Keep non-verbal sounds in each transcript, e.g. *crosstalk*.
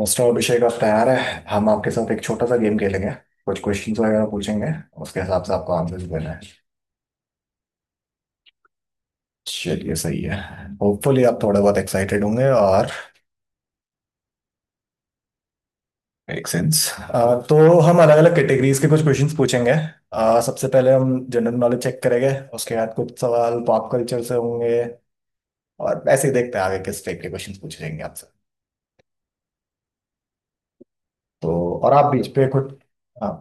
Mister Abhishek आप तैयार है हम आपके साथ एक छोटा सा गेम खेलेंगे। कुछ क्वेश्चंस वगैरह पूछेंगे। उसके हिसाब से आपको आंसर्स देना है। चलिए सही है। होपफुली आप थोड़े बहुत एक्साइटेड होंगे और मेक सेंस। तो हम अलग अलग कैटेगरीज के कुछ क्वेश्चंस पूछेंगे। सबसे पहले हम जनरल नॉलेज चेक करेंगे। उसके बाद कुछ सवाल पॉप कल्चर से होंगे। और ऐसे ही देखते हैं आगे किस टाइप के क्वेश्चंस पूछेंगे आपसे। तो और आप बीच पे खुद। हाँ।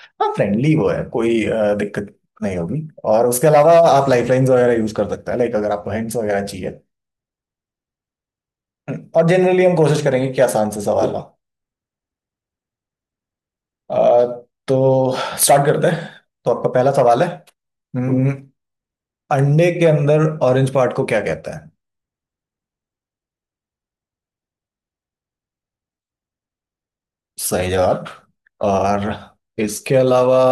हाँ फ्रेंडली वो है कोई दिक्कत नहीं होगी। और उसके अलावा आप लाइफलाइंस वगैरह यूज कर सकते हैं लाइक अगर आपको हिंट्स वगैरह चाहिए। और जनरली हम कोशिश करेंगे कि आसान से सवाल हो। अ, तो स्टार्ट करते हैं। तो आपका पहला सवाल है। हम्म, अंडे के अंदर ऑरेंज पार्ट को क्या कहते हैं? सही जवाब। और इसके अलावा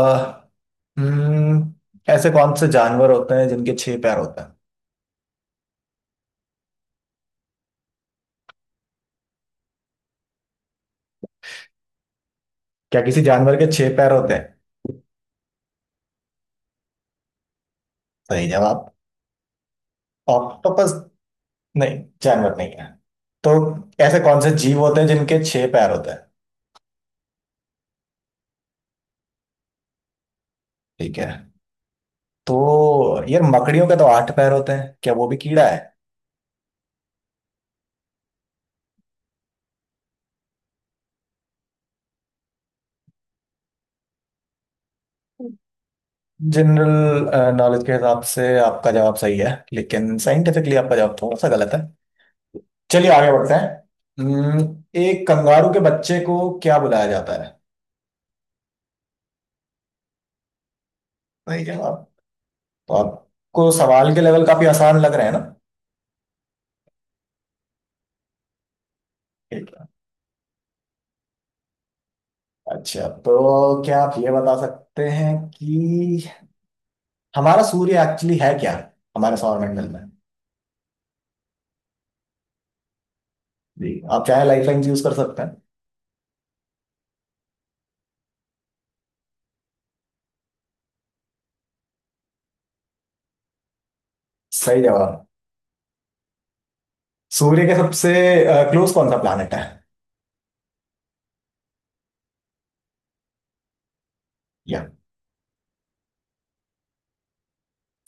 हम्म, ऐसे कौन से जानवर होते हैं जिनके छह पैर होते हैं? क्या किसी जानवर के छह पैर होते हैं? सही जवाब। ऑक्टोपस नहीं जानवर नहीं है। तो ऐसे कौन से जीव होते हैं जिनके छह पैर होते हैं? ठीक है। तो यार मकड़ियों के तो आठ पैर होते हैं क्या वो भी कीड़ा है? जनरल नॉलेज के हिसाब से आपका जवाब सही है लेकिन साइंटिफिकली आपका जवाब थोड़ा सा गलत है। चलिए आगे बढ़ते हैं। एक कंगारू के बच्चे को क्या बुलाया जाता है? सही जवाब। तो आपको सवाल के लेवल काफी आसान लग रहे हैं ना? ठीक है। अच्छा तो क्या आप ये बता सकते हैं कि हमारा सूर्य एक्चुअली है क्या हमारे सौरमंडल में? जी। आप चाहे लाइफलाइन यूज कर सकते हैं। सही जवाब। सूर्य के सबसे क्लोज कौन सा प्लानट है? या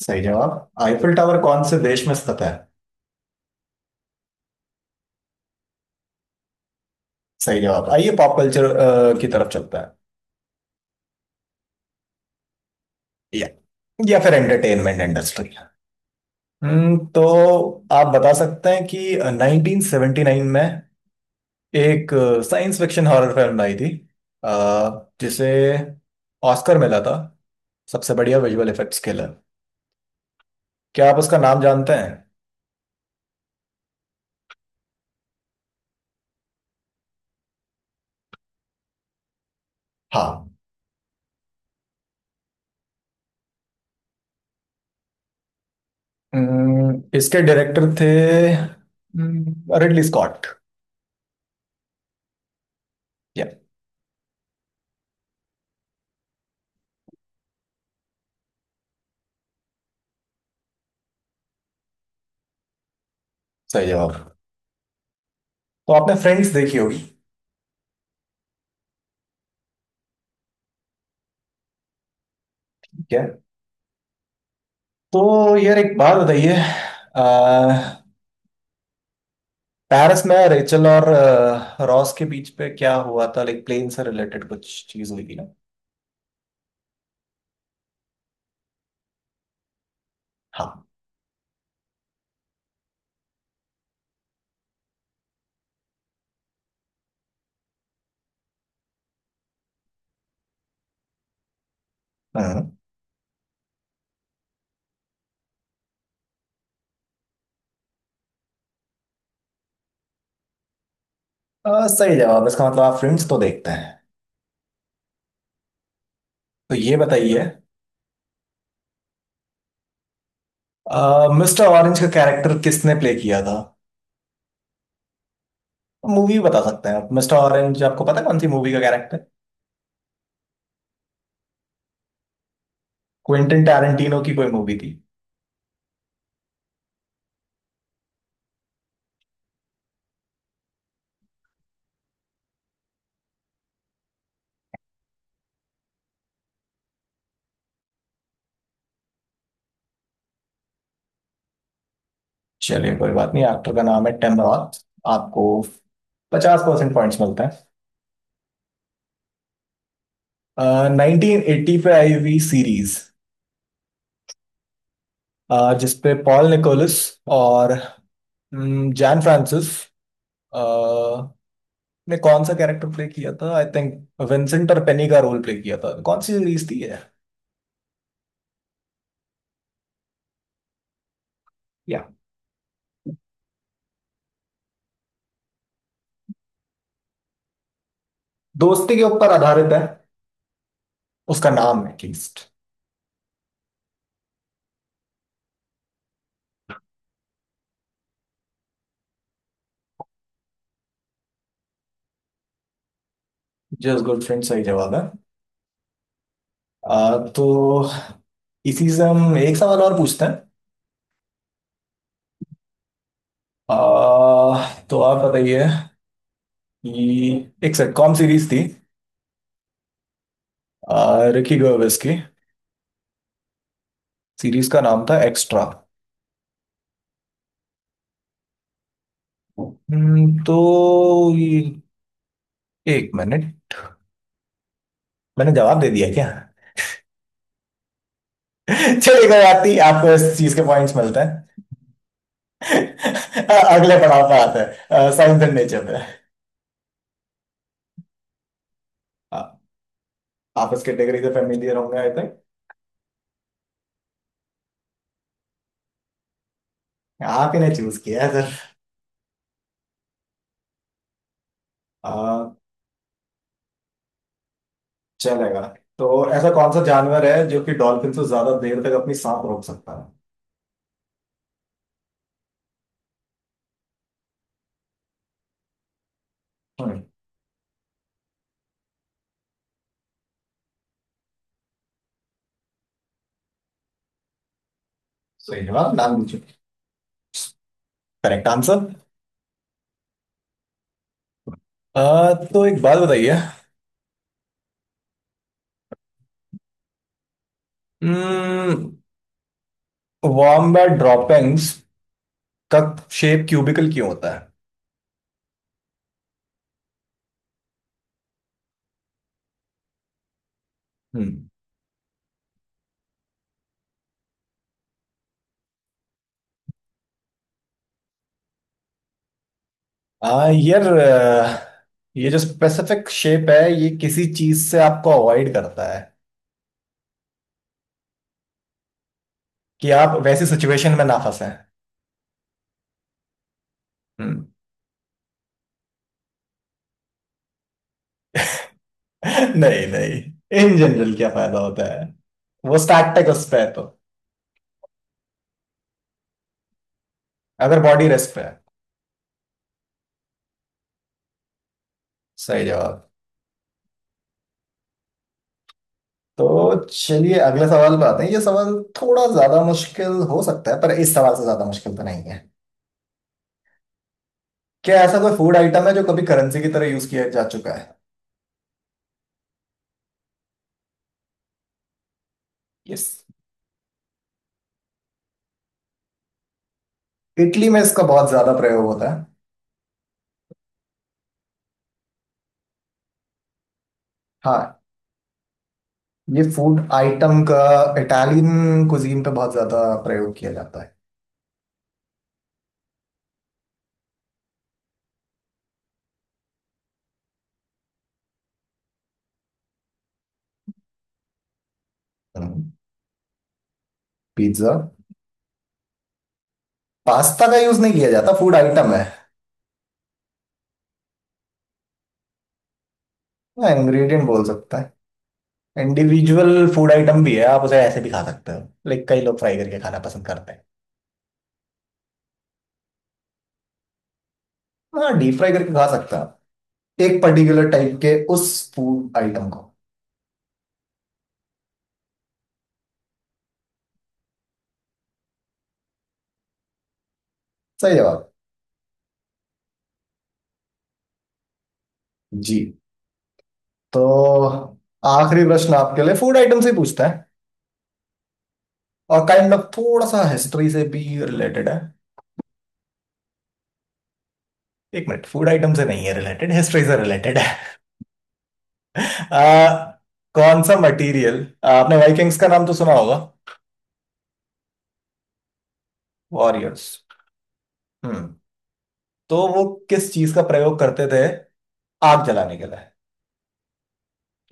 सही जवाब। आईफिल टावर कौन से देश में स्थित है? सही जवाब आइए पॉप कल्चर की तरफ चलता है। या या फिर एंटरटेनमेंट इंडस्ट्री। तो आप बता सकते हैं कि 1979 में एक साइंस फिक्शन हॉरर फिल्म आई थी अ, जिसे ऑस्कर मिला था सबसे बढ़िया विजुअल इफेक्ट्स के लिए? क्या आप उसका नाम जानते हैं? हाँ। इसके डायरेक्टर थे रिडली स्कॉट या सही जवाब। तो आपने फ्रेंड्स देखी होगी। ठीक है। तो यार एक बात बताइए अह, पेरिस में रेचल और रॉस के बीच पे क्या हुआ था लाइक प्लेन से रिलेटेड कुछ चीज हुई थी ना? हाँ। हम्म। सही जवाब इसका मतलब आप फ्रेंड्स तो देखते हैं। तो ये बताइए मिस्टर ऑरेंज का कैरेक्टर किसने प्ले किया था? मूवी बता सकते हैं आप मिस्टर ऑरेंज आपको पता है कौन सी मूवी का कैरेक्टर? क्विंटन टैरेंटिनो की कोई मूवी थी। चलिए कोई बात नहीं एक्टर का नाम है टिम रॉथ। आपको 50% पॉइंट्स मिलते हैं 1980 पे आई हुई सीरीज जिसपे पॉल निकोलस और जैन फ्रांसिस अ, ने कौन सा कैरेक्टर प्ले किया था आई थिंक विंसेंट और पेनी का रोल प्ले किया था कौन सी सीरीज थी ये? या दोस्ती के ऊपर आधारित है उसका नाम एटलीस्ट जस्ट गुड फ्रेंड सही जवाब है। तो इसी से हम एक सवाल और पूछते हैं। आ, तो आप बताइए कि एक सिटकॉम सीरीज थी आ, रिकी गर्वेस की सीरीज का नाम था एक्स्ट्रा। तो ये एक मिनट मैंने जवाब दे दिया क्या? *laughs* चलिए कोई बात नहीं आपको इस चीज के पॉइंट्स मिलते हैं। *laughs* अगले पड़ाव पे आते हैं साइंस एंड नेचर पे। आ, आप इस कैटेगरी से फेमिलियर होंगे आई थिंक। आप ही ने चूज किया है सर। आ, चलेगा। तो ऐसा कौन सा जानवर है जो कि डॉल्फिन से ज्यादा देर तक अपनी सांस रोक सकता है? हम्म, सही जवाब नाम पूछो। Correct answer. तो एक बात बताइए वॉम्बैट ड्रॉपिंग्स का शेप क्यूबिकल क्यों होता है? हम्म। यार, ये जो स्पेसिफिक शेप है ये किसी चीज से आपको अवॉइड करता है कि आप वैसी सिचुएशन में ना फंसे। हम्म। *laughs* नहीं नहीं, इन जनरल क्या फायदा होता है? वो स्टैटिक उस पे है तो अगर बॉडी रेस्ट पे है सही जवाब। तो चलिए अगले सवाल पे आते हैं। ये सवाल थोड़ा ज्यादा मुश्किल हो सकता है पर इस सवाल से ज्यादा मुश्किल तो नहीं है। क्या ऐसा कोई फूड आइटम है जो कभी करेंसी की तरह यूज किया जा चुका है? यस। इटली में इसका बहुत ज्यादा प्रयोग होता है। हाँ। ये फूड आइटम का इटालियन कुजीन पे बहुत ज्यादा प्रयोग किया जाता है। पिज्जा। पास्ता का यूज नहीं किया जाता फूड आइटम है। इंग्रेडिएंट बोल सकता है। इंडिविजुअल फूड आइटम भी है आप उसे ऐसे भी खा सकते हो। लाइक कई लोग फ्राई करके खाना पसंद करते हैं। हाँ डीप फ्राई करके खा सकते हैं एक पर्टिकुलर टाइप के उस फूड आइटम को। सही जवाब। जी। तो आखिरी प्रश्न आपके लिए फूड आइटम से ही पूछता है। और काइंड ऑफ थोड़ा सा हिस्ट्री से भी रिलेटेड है। एक मिनट फूड आइटम से नहीं है रिलेटेड हिस्ट्री से रिलेटेड है। *laughs* आ, कौन सा मटेरियल? आपने वाइकिंग्स का नाम तो सुना होगा? वॉरियर्स। हम्म। तो वो किस चीज का प्रयोग करते थे आग जलाने के लिए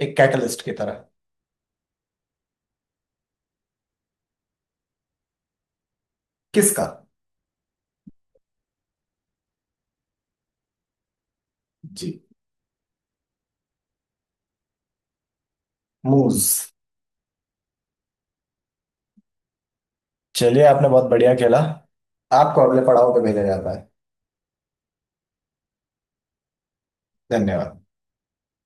एक कैटलिस्ट की तरह? किसका? जी। मूज। चलिए आपने बहुत बढ़िया खेला। आपको अगले पड़ाव पे भेजा जाता है। धन्यवाद।